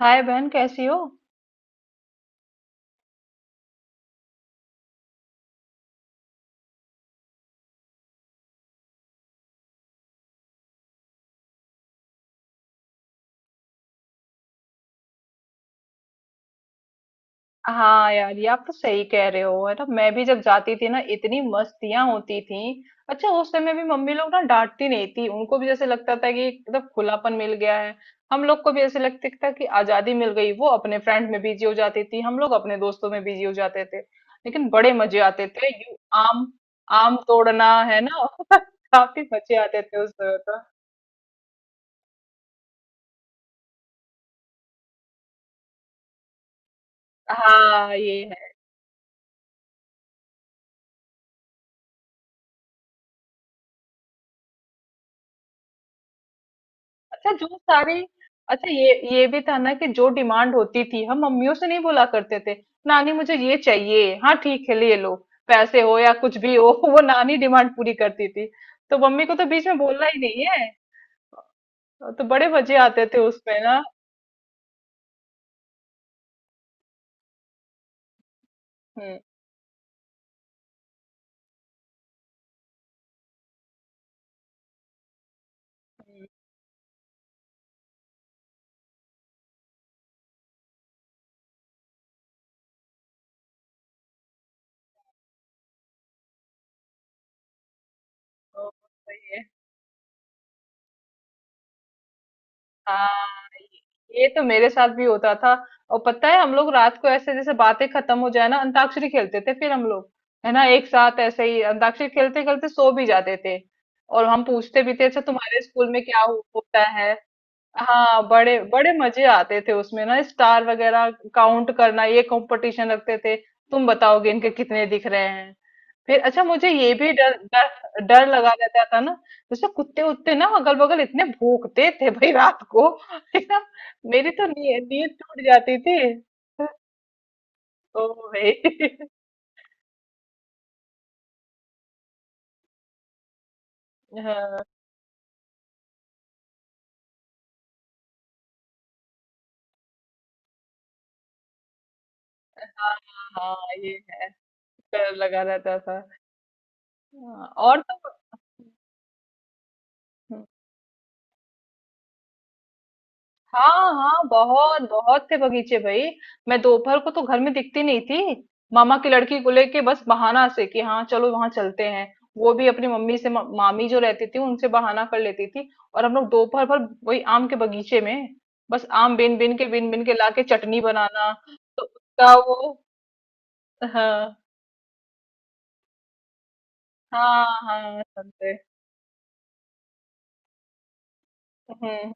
हाय बहन, कैसी हो। हाँ यार, ये आप तो सही कह रहे हो, है ना। मैं भी जब जाती थी ना, इतनी मस्तियां होती थी। अच्छा, उस समय भी मम्मी लोग ना डांटती नहीं थी, उनको भी जैसे लगता था कि एकदम खुलापन मिल गया है। हम लोग को भी ऐसे लगता था कि आजादी मिल गई। वो अपने फ्रेंड में बिजी हो जाती थी, हम लोग अपने दोस्तों में बिजी हो जाते थे, लेकिन बड़े मजे आते थे। यू आम। आम तोड़ना, है ना। काफी मजे आते थे उस समय तो। हाँ ये। अच्छा जो सारी। अच्छा, ये भी था ना कि जो डिमांड होती थी हम मम्मियों से नहीं बोला करते थे। नानी मुझे ये चाहिए, हाँ ठीक है ले लो, पैसे हो या कुछ भी हो। वो नानी डिमांड पूरी करती थी, तो मम्मी को तो बीच में बोलना ही नहीं है। तो बड़े मजे आते थे उसमें ना। हम्म। हम्म, तो सही है। हाँ, ये तो मेरे साथ भी होता था। और पता है हम लोग रात को ऐसे जैसे बातें खत्म हो जाए ना, अंताक्षरी खेलते थे फिर हम लोग, है ना। एक साथ ऐसे ही अंताक्षरी खेलते खेलते सो भी जाते थे। और हम पूछते भी थे, अच्छा तुम्हारे स्कूल में होता है। हाँ बड़े बड़े मजे आते थे उसमें ना। स्टार वगैरह काउंट करना, ये कंपटीशन रखते थे। तुम बताओगे इनके कितने दिख रहे हैं। फिर अच्छा, मुझे ये भी डर डर डर लगा रहता था ना, जैसे कुत्ते उत्ते ना अगल बगल इतने भौंकते थे भाई, रात को, है ना। मेरी तो नींद टूट जाती थी। ओ भाई। हाँ हाँ हाँ, ये है। डर लगा रहता था। हाँ, और। तो। हाँ हाँ, बहुत बहुत थे बगीचे भाई। मैं दोपहर को तो घर में दिखती नहीं थी। मामा की लड़की को लेके, बस बहाना से कि हाँ चलो वहां चलते हैं। वो भी अपनी मम्मी से, मामी जो रहती थी उनसे बहाना कर लेती थी। और हम लोग दोपहर भर वही आम के बगीचे में, बस आम बिन बिन के लाके चटनी बनाना। तो उसका वो। हाँ हाँ, हाँ संतरे। हम्म हम्म,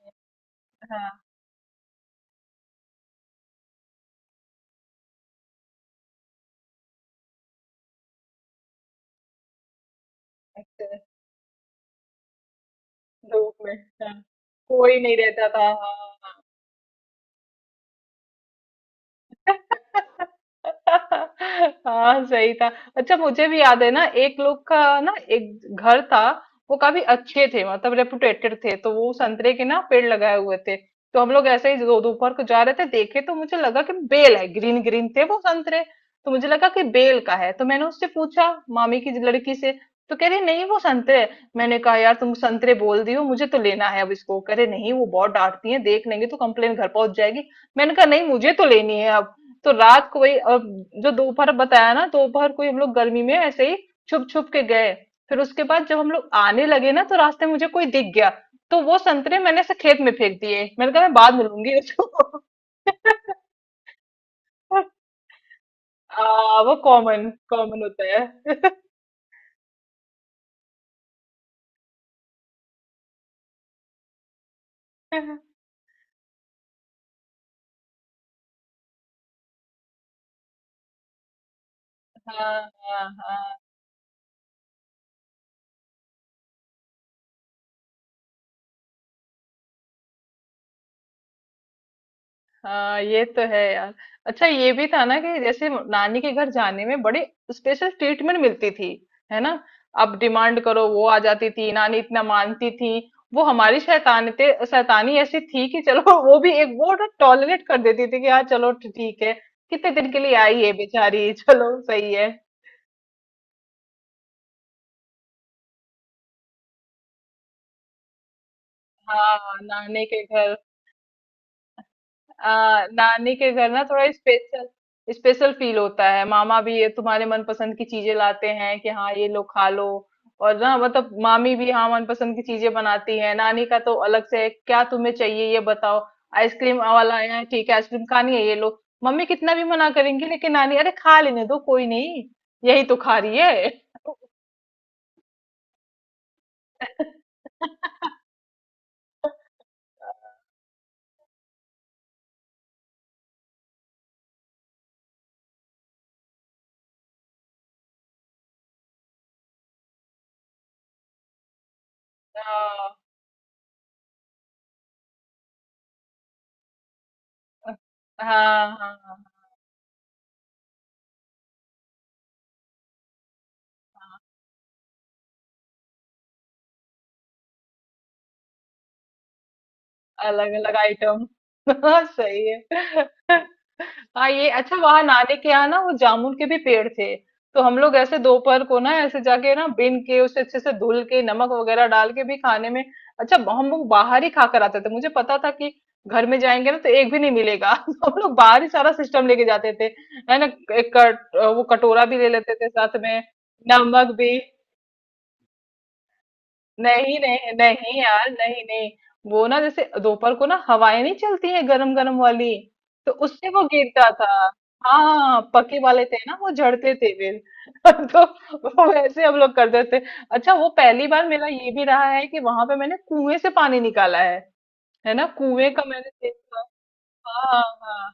हाँ। अच्छा, धूप में। हाँ, कोई नहीं रहता था, हाँ हाँ, हाँ। हाँ सही था। अच्छा मुझे भी याद है ना, एक लोग का ना, एक घर था। वो काफी अच्छे थे, मतलब रेपुटेटेड थे, तो वो संतरे के ना पेड़ लगाए हुए थे। तो हम लोग ऐसे ही दोपहर को जा रहे थे, देखे तो मुझे लगा कि बेल है, ग्रीन ग्रीन थे वो संतरे। तो मुझे लगा कि बेल का है, तो मैंने उससे पूछा, मामी की लड़की से। तो कह रही, नहीं वो संतरे है। मैंने कहा, यार तुम संतरे बोल दियो, मुझे तो लेना है अब इसको। कह रहे नहीं, वो बहुत डांटती है, देख लेंगे तो कंप्लेन घर पहुंच जाएगी। मैंने कहा नहीं, मुझे तो लेनी है अब। तो रात को वही, और जो दोपहर बताया ना दोपहर को ही हम लोग गर्मी में ऐसे ही छुप छुप के गए। फिर उसके बाद जब हम लोग आने लगे ना, तो रास्ते में मुझे कोई दिख गया। तो वो संतरे मैंने ऐसे खेत में फेंक दिए, मैंने कहा मैं बाद में लूंगी उसको। वो कॉमन कॉमन होता है। हाँ हाँ हाँ हाँ, ये तो है यार। अच्छा ये भी था ना कि जैसे नानी के घर जाने में बड़ी स्पेशल ट्रीटमेंट मिलती थी, है ना। अब डिमांड करो वो आ जाती थी, नानी इतना मानती थी। वो हमारी शैतानते शैतानी ऐसी थी कि चलो, वो भी एक वो ना टॉलरेट कर देती थी, कि हाँ चलो ठीक है, कितने दिन के लिए आई है बेचारी। चलो सही है। हाँ नानी के घर। नानी के घर ना थोड़ा स्पेशल, स्पेशल फील होता है। मामा भी ये तुम्हारे मनपसंद की चीजें लाते हैं कि हाँ ये लो खा लो। और ना मतलब मामी भी हाँ मनपसंद की चीजें बनाती है। नानी का तो अलग से है, क्या तुम्हें चाहिए ये बताओ। आइसक्रीम वाला आया है, हाँ ठीक है आइसक्रीम खानी है ये लो। मम्मी कितना भी मना करेंगी, लेकिन नानी, अरे खा लेने दो कोई नहीं, यही तो खा रही है। हाँ हाँ हाँ हाँ, अलग अलग आइटम। सही है। हाँ, ये अच्छा वहां नानी के यहाँ ना वो जामुन के भी पेड़ थे। तो हम लोग ऐसे दोपहर को ना ऐसे जाके ना बिन के, उसे अच्छे से धुल के नमक वगैरह डाल के भी खाने में। अच्छा हम लोग बाहर ही खा कर आते थे, मुझे पता था कि घर में जाएंगे ना तो एक भी नहीं मिलेगा। तो हम लोग बाहर ही सारा सिस्टम लेके जाते थे, है ना। वो कटोरा भी ले लेते थे साथ में, नमक भी। नहीं नहीं नहीं यार, नहीं नहीं। वो ना जैसे दोपहर को ना हवाएं नहीं चलती है, गरम गरम वाली, तो उससे वो गिरता था। हाँ हाँ, हाँ, पके वाले थे ना वो झड़ते थे फिर। तो वो वैसे हम लोग करते थे। अच्छा, वो पहली बार मेरा ये भी रहा है कि वहां पे मैंने कुएं से पानी निकाला है ना। कुएं का मैंने देखा। हाँ हाँ हाँ।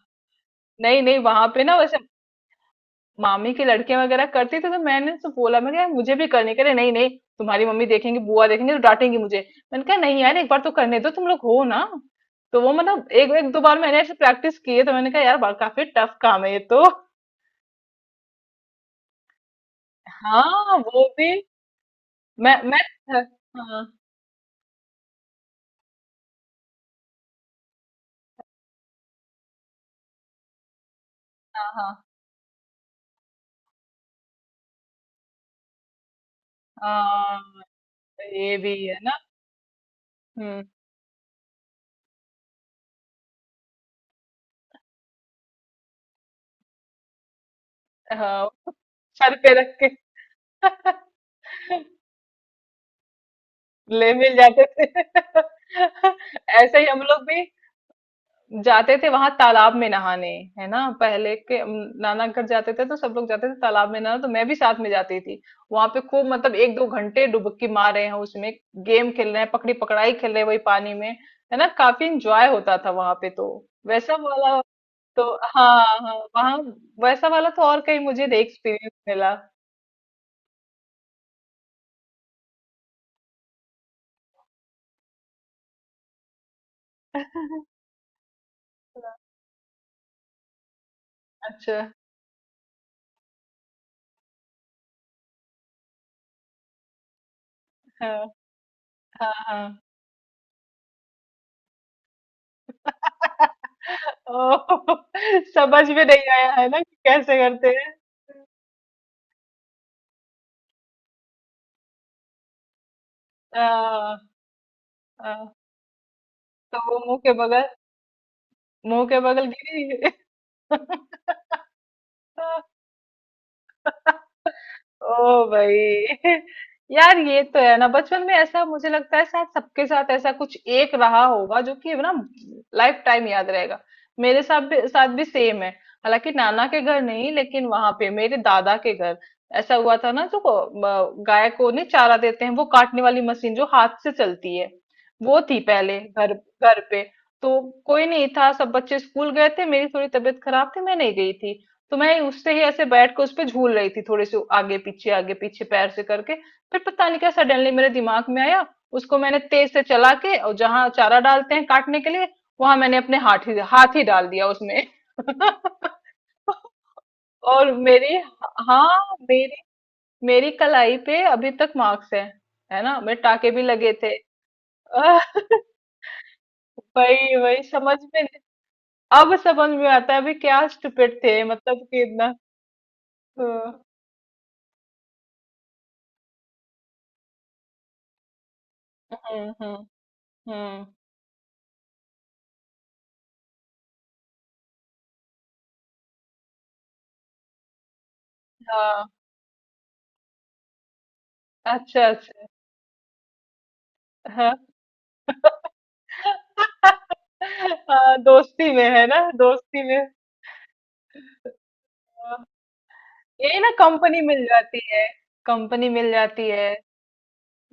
नहीं नहीं वहां पे ना वैसे मामी के लड़के वगैरह करते थे, तो मैंने तो बोला मैं, यार मुझे भी करने के लिए, नहीं नहीं तुम्हारी मम्मी देखेंगी, बुआ देखेंगी तो डांटेंगी मुझे। मैंने कहा नहीं यार, एक बार तो करने दो, तुम लोग हो ना। तो वो मतलब एक एक दो बार मैंने ऐसे प्रैक्टिस की है, तो मैंने कहा यार काफी टफ काम है ये तो। हाँ वो भी। मैं। हाँ हाँ हाँ हाँ, ये भी है ना। हम्म। हाँ, सर पे रख के। ले मिल जाते थे। ऐसे ही हम लोग भी जाते थे वहां तालाब में नहाने, है ना। पहले के नाना घर जाते थे तो सब लोग जाते थे तालाब में नहाने, तो मैं भी साथ में जाती थी। वहां पे खूब मतलब एक दो घंटे डुबकी मार रहे हैं उसमें, गेम खेल रहे हैं, पकड़ी पकड़ाई खेल रहे हैं वही पानी में, है ना। काफी इंजॉय होता था वहां पे तो। वैसा वाला तो, हाँ हाँ, वहाँ वैसा वाला तो और कहीं मुझे नहीं एक्सपीरियंस मिला। अच्छा। हाँ हाँ हाँ। ओ, समझ में नहीं आया, है ना कि कैसे करते हैं। हाँ हाँ, तो वो मुंह के बगल, मुंह के बगल गिरी। ओ भाई। यार ये तो है ना, बचपन में ऐसा मुझे लगता है शायद सबके साथ ऐसा कुछ एक रहा होगा जो कि ना लाइफ टाइम याद रहेगा। मेरे साथ भी सेम है, हालांकि नाना के घर नहीं, लेकिन वहां पे मेरे दादा के घर ऐसा हुआ था ना। जो गाय को नहीं चारा देते हैं, वो काटने वाली मशीन जो हाथ से चलती है वो थी पहले घर घर पे। तो कोई नहीं था, सब बच्चे स्कूल गए थे, मेरी थोड़ी तबीयत खराब थी, मैं नहीं गई थी। तो मैं उससे ही ऐसे बैठ के उस पे झूल रही थी, थोड़ी सी आगे पीछे पैर से करके। फिर पता नहीं क्या सडनली मेरे दिमाग में आया, उसको मैंने तेज से चला के, और जहां चारा डालते हैं काटने के लिए, वहां मैंने अपने हाथ ही डाल दिया उसमें। और मेरी, मेरी कलाई पे अभी तक मार्क्स है ना, मेरे टाके भी लगे थे। वही वही समझ में नहीं। अब समझ में आता है अभी, क्या स्टूपिड थे मतलब कि इतना। हम्म हम्म हम्म हम्म। हाँ, अच्छा अच्छा। हाँ। हाँ दोस्ती में, है ना, दोस्ती में। हाँ, यही ना, कंपनी मिल जाती है। कंपनी मिल जाती है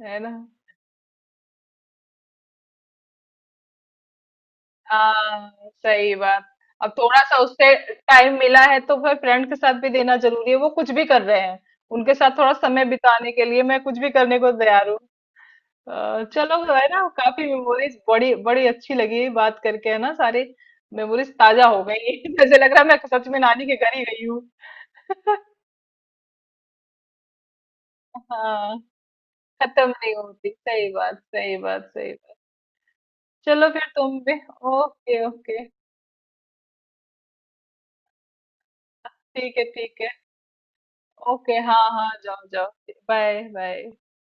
है ना। हाँ सही बात। अब थोड़ा सा उससे टाइम मिला है, तो फिर फ्रेंड के साथ भी देना जरूरी है, वो कुछ भी कर रहे हैं, उनके साथ थोड़ा समय बिताने के लिए मैं कुछ भी करने को तैयार हूँ। चलो है ना, काफी मेमोरीज बड़ी बड़ी अच्छी लगी बात करके, है ना, सारी मेमोरीज ताजा हो गई। जैसे लग रहा है मैं सच में नानी के घर ही गई हूँ। हाँ, खत्म नहीं होती, सही बात, सही बात, सही बात। चलो फिर तुम भी, ओके ओके। ठीक है ठीक है, ओके, हाँ हाँ जाओ जाओ। Bye bye.